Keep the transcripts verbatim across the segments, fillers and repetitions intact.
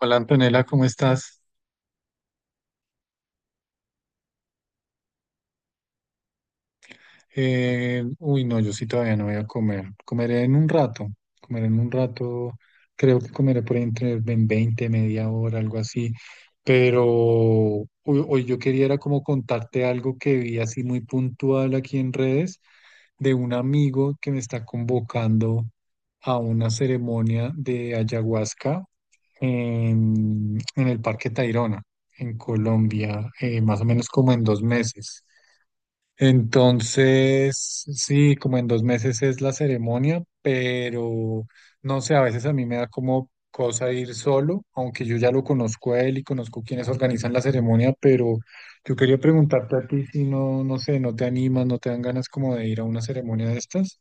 Hola Antonella, ¿cómo estás? Eh, uy, no, yo sí todavía no voy a comer. Comeré en un rato, comeré en un rato, creo que comeré por ahí entre en veinte media hora, algo así. Pero hoy, hoy yo quería era como contarte algo que vi así muy puntual aquí en redes de un amigo que me está convocando a una ceremonia de ayahuasca en, en el Parque Tayrona, en Colombia, eh, más o menos como en dos meses. Entonces, sí, como en dos meses es la ceremonia, pero no sé, a veces a mí me da como cosa ir solo, aunque yo ya lo conozco a él y conozco quienes organizan la ceremonia, pero yo quería preguntarte a ti si no, no sé, no te animas, no te dan ganas como de ir a una ceremonia de estas.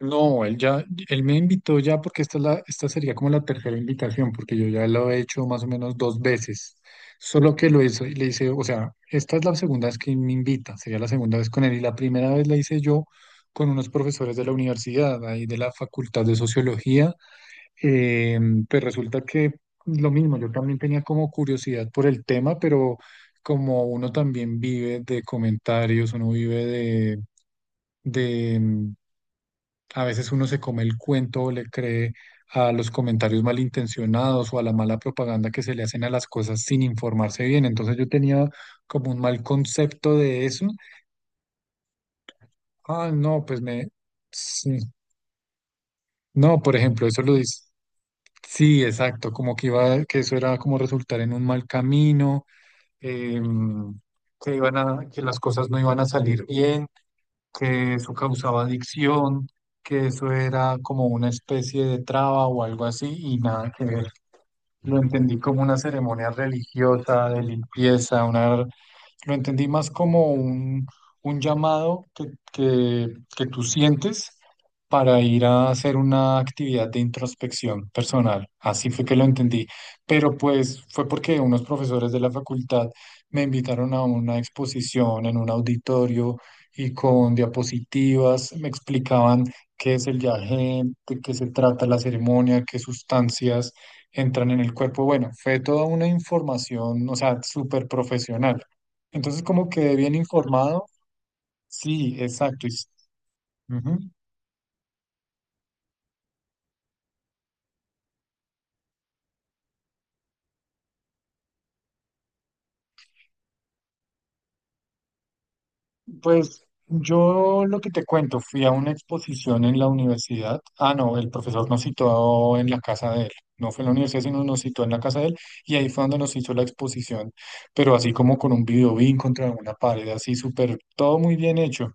No, él ya, él me invitó ya porque esta es la, esta sería como la tercera invitación, porque yo ya lo he hecho más o menos dos veces. Solo que lo hice, le hice, o sea, esta es la segunda vez que me invita, sería la segunda vez con él, y la primera vez la hice yo con unos profesores de la universidad, ahí de la Facultad de Sociología. Eh, pues resulta que lo mismo, yo también tenía como curiosidad por el tema, pero como uno también vive de comentarios, uno vive de de, a veces uno se come el cuento o le cree a los comentarios malintencionados o a la mala propaganda que se le hacen a las cosas sin informarse bien. Entonces yo tenía como un mal concepto de eso. Ah, no, pues me... sí. No, por ejemplo, eso lo dice. Sí, exacto, como que iba, que eso era como resultar en un mal camino, em, que iban a, que las cosas no iban a salir bien, que eso causaba adicción, que eso era como una especie de traba o algo así y nada que ver. Lo entendí como una ceremonia religiosa de limpieza, una, lo entendí más como un, un llamado que, que, que tú sientes para ir a hacer una actividad de introspección personal. Así fue que lo entendí. Pero pues fue porque unos profesores de la facultad me invitaron a una exposición en un auditorio y con diapositivas me explicaban qué es el yagé, de qué se trata la ceremonia, qué sustancias entran en el cuerpo. Bueno, fue toda una información, o sea, súper profesional. Entonces, como que bien informado. Sí, exacto. Y s- ujú. Pues yo lo que te cuento, fui a una exposición en la universidad. Ah, no, el profesor nos citó en la casa de él. No fue en la universidad, sino nos citó en la casa de él. Y ahí fue donde nos hizo la exposición. Pero así como con un videobeam contra una pared, así súper, todo muy bien hecho.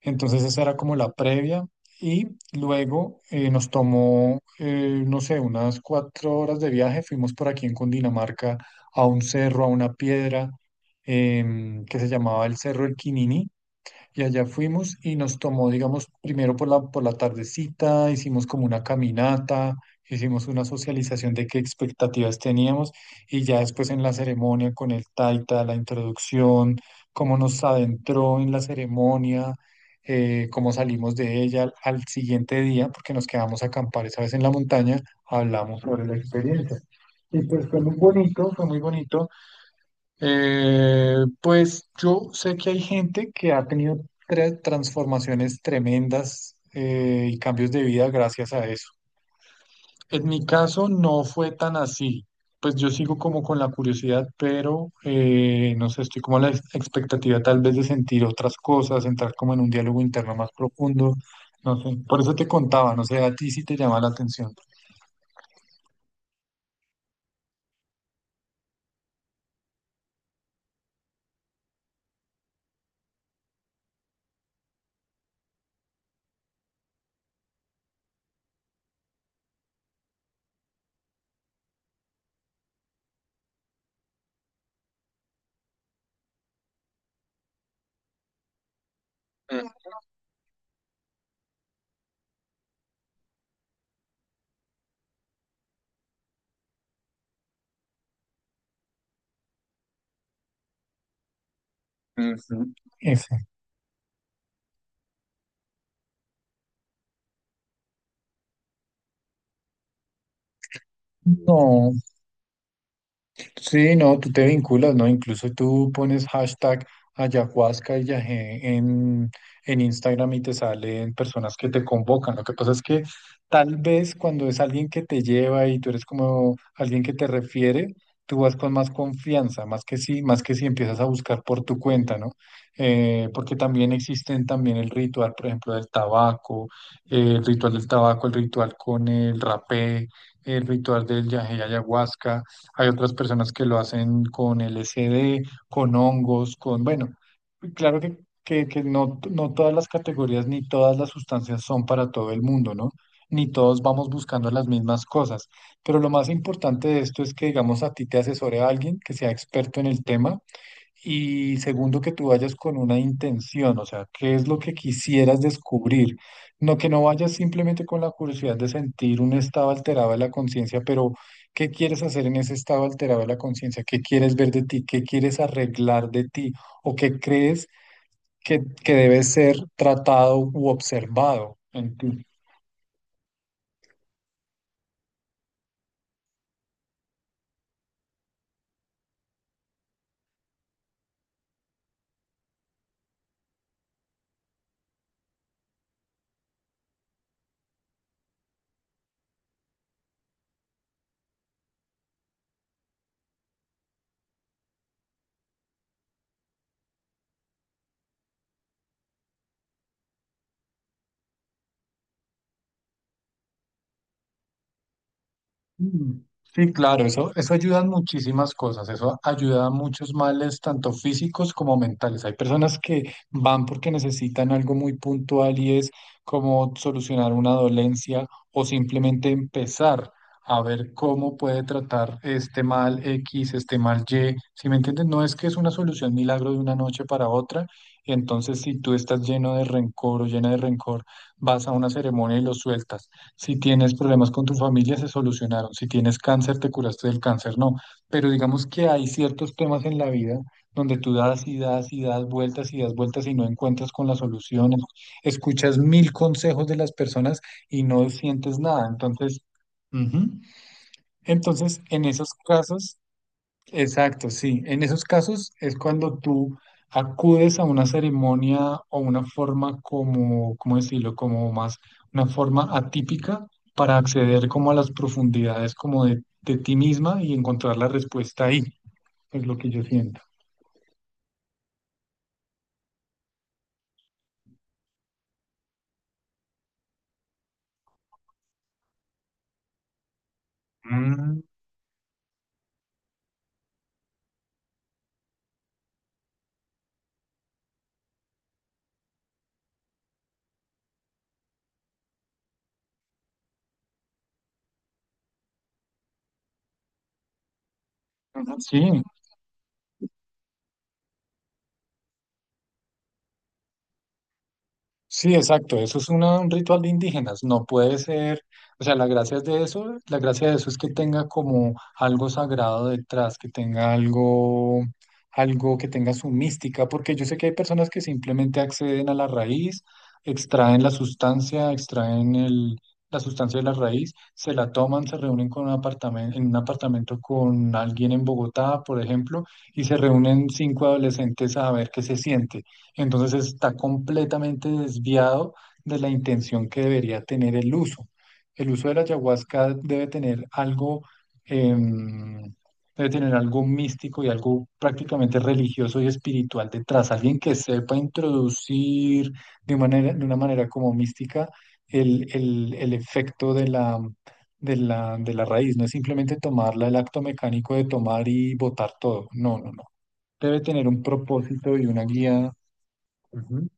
Entonces esa era como la previa y luego eh, nos tomó, eh, no sé, unas cuatro horas de viaje. Fuimos por aquí en Cundinamarca a un cerro, a una piedra em, que se llamaba el Cerro El Quininí y allá fuimos y nos tomó, digamos, primero por la, por la tardecita, hicimos como una caminata, hicimos una socialización de qué expectativas teníamos y ya después en la ceremonia con el taita, la introducción, cómo nos adentró en la ceremonia, eh, cómo salimos de ella al, al siguiente día, porque nos quedamos a acampar esa vez en la montaña, hablamos sobre la experiencia. Y pues fue muy bonito, fue muy bonito. Eh, pues yo sé que hay gente que ha tenido tra- transformaciones tremendas eh, y cambios de vida gracias a eso. En mi caso no fue tan así. Pues yo sigo como con la curiosidad, pero eh, no sé, estoy como a la ex- expectativa tal vez de sentir otras cosas, entrar como en un diálogo interno más profundo. No sé, por eso te contaba, no sé, a ti sí te llama la atención. Mm, ujú. Ese. No. Sí, no, tú te vinculas, ¿no? Incluso tú pones hashtag ayahuasca y yagé en, en Instagram y te salen personas que te convocan. Lo que pasa es que tal vez cuando es alguien que te lleva y tú eres como alguien que te refiere, tú vas con más confianza, más que sí, más que si empiezas a buscar por tu cuenta, ¿no? Eh, porque también existen también el ritual, por ejemplo, del tabaco, eh, el ritual del tabaco, el ritual con el rapé, el ritual del yagé y ayahuasca. Hay otras personas que lo hacen con L S D, con hongos, con, bueno, claro que, que, que no, no todas las categorías ni todas las sustancias son para todo el mundo, ¿no? Ni todos vamos buscando las mismas cosas. Pero lo más importante de esto es que, digamos, a ti te asesore a alguien que sea experto en el tema y segundo, que tú vayas con una intención, o sea, qué es lo que quisieras descubrir. No que no vayas simplemente con la curiosidad de sentir un estado alterado de la conciencia, pero ¿qué quieres hacer en ese estado alterado de la conciencia? ¿Qué quieres ver de ti? ¿Qué quieres arreglar de ti? ¿O qué crees que, que debe ser tratado u observado en ti? Mm, sí, claro, eso, eso ayuda en muchísimas cosas, eso ayuda a muchos males, tanto físicos como mentales. Hay personas que van porque necesitan algo muy puntual y es como solucionar una dolencia o simplemente empezar a ver cómo puede tratar este mal X, este mal Y. Si me entienden, no es que es una solución milagro de una noche para otra. Entonces, si tú estás lleno de rencor o llena de rencor, vas a una ceremonia y lo sueltas. Si tienes problemas con tu familia, se solucionaron. Si tienes cáncer, te curaste del cáncer, no. Pero digamos que hay ciertos temas en la vida donde tú das y das y das vueltas y das vueltas y no encuentras con las soluciones. Escuchas mil consejos de las personas y no sientes nada. Entonces, ujú. Entonces, en esos casos, exacto, sí. En esos casos es cuando tú acudes a una ceremonia o una forma como, ¿cómo decirlo? Como más, una forma atípica para acceder como a las profundidades como de, de ti misma y encontrar la respuesta ahí, es lo que yo siento. Mm, sí, sí, exacto. Eso es una- un ritual de indígenas. No puede ser, o sea, la gracia es de eso, la gracia de eso es que tenga como algo sagrado detrás, que tenga algo, algo que tenga su mística, porque yo sé que hay personas que simplemente acceden a la raíz, extraen la sustancia, extraen el, la sustancia de la raíz, se la toman, se reúnen con un apartamento, en un apartamento con alguien en Bogotá, por ejemplo, y se reúnen cinco adolescentes a ver qué se siente. Entonces está completamente desviado de la intención que debería tener el uso. El uso de la ayahuasca debe tener algo, em, debe tener algo místico y algo prácticamente religioso y espiritual detrás. Alguien que sepa introducir de manera, de una manera como mística el, el- el efecto de la, de la, de la raíz. No es simplemente tomarla, el acto mecánico de tomar y botar todo. No, no, no. Debe tener un propósito y una guía. Ujú.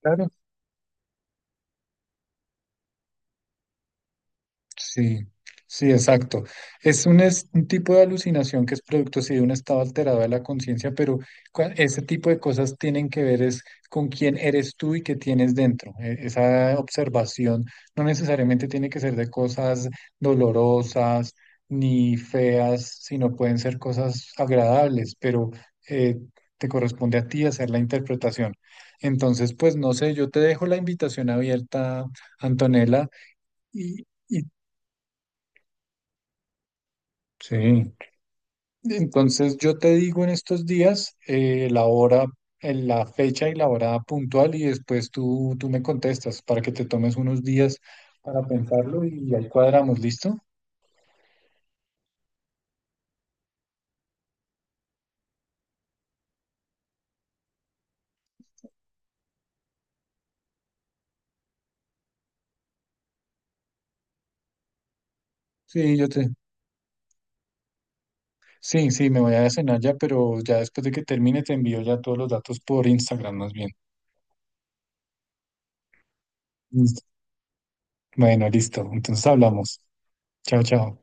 Claro, sí, sí, exacto. Es un, es un tipo de alucinación que es producto, sí, de un estado alterado de la conciencia, pero cua- ese tipo de cosas tienen que ver es con quién eres tú y qué tienes dentro. E- Esa observación no necesariamente tiene que ser de cosas dolorosas ni feas, sino pueden ser cosas agradables, pero eh, te corresponde a ti hacer la interpretación. Entonces, pues no sé, yo te dejo la invitación abierta. Antonella, Y, y sí, entonces yo te digo en estos días eh, la hora, en la fecha y la hora puntual y después tú, tú me contestas para que te tomes unos días para pensarlo y ahí cuadramos, ¿listo? Sí, yo te... Sí, sí, me voy a cenar ya, pero ya después de que termine te envío ya todos los datos por Instagram más bien. Listo. Bueno, listo. Entonces hablamos. Chao, chao.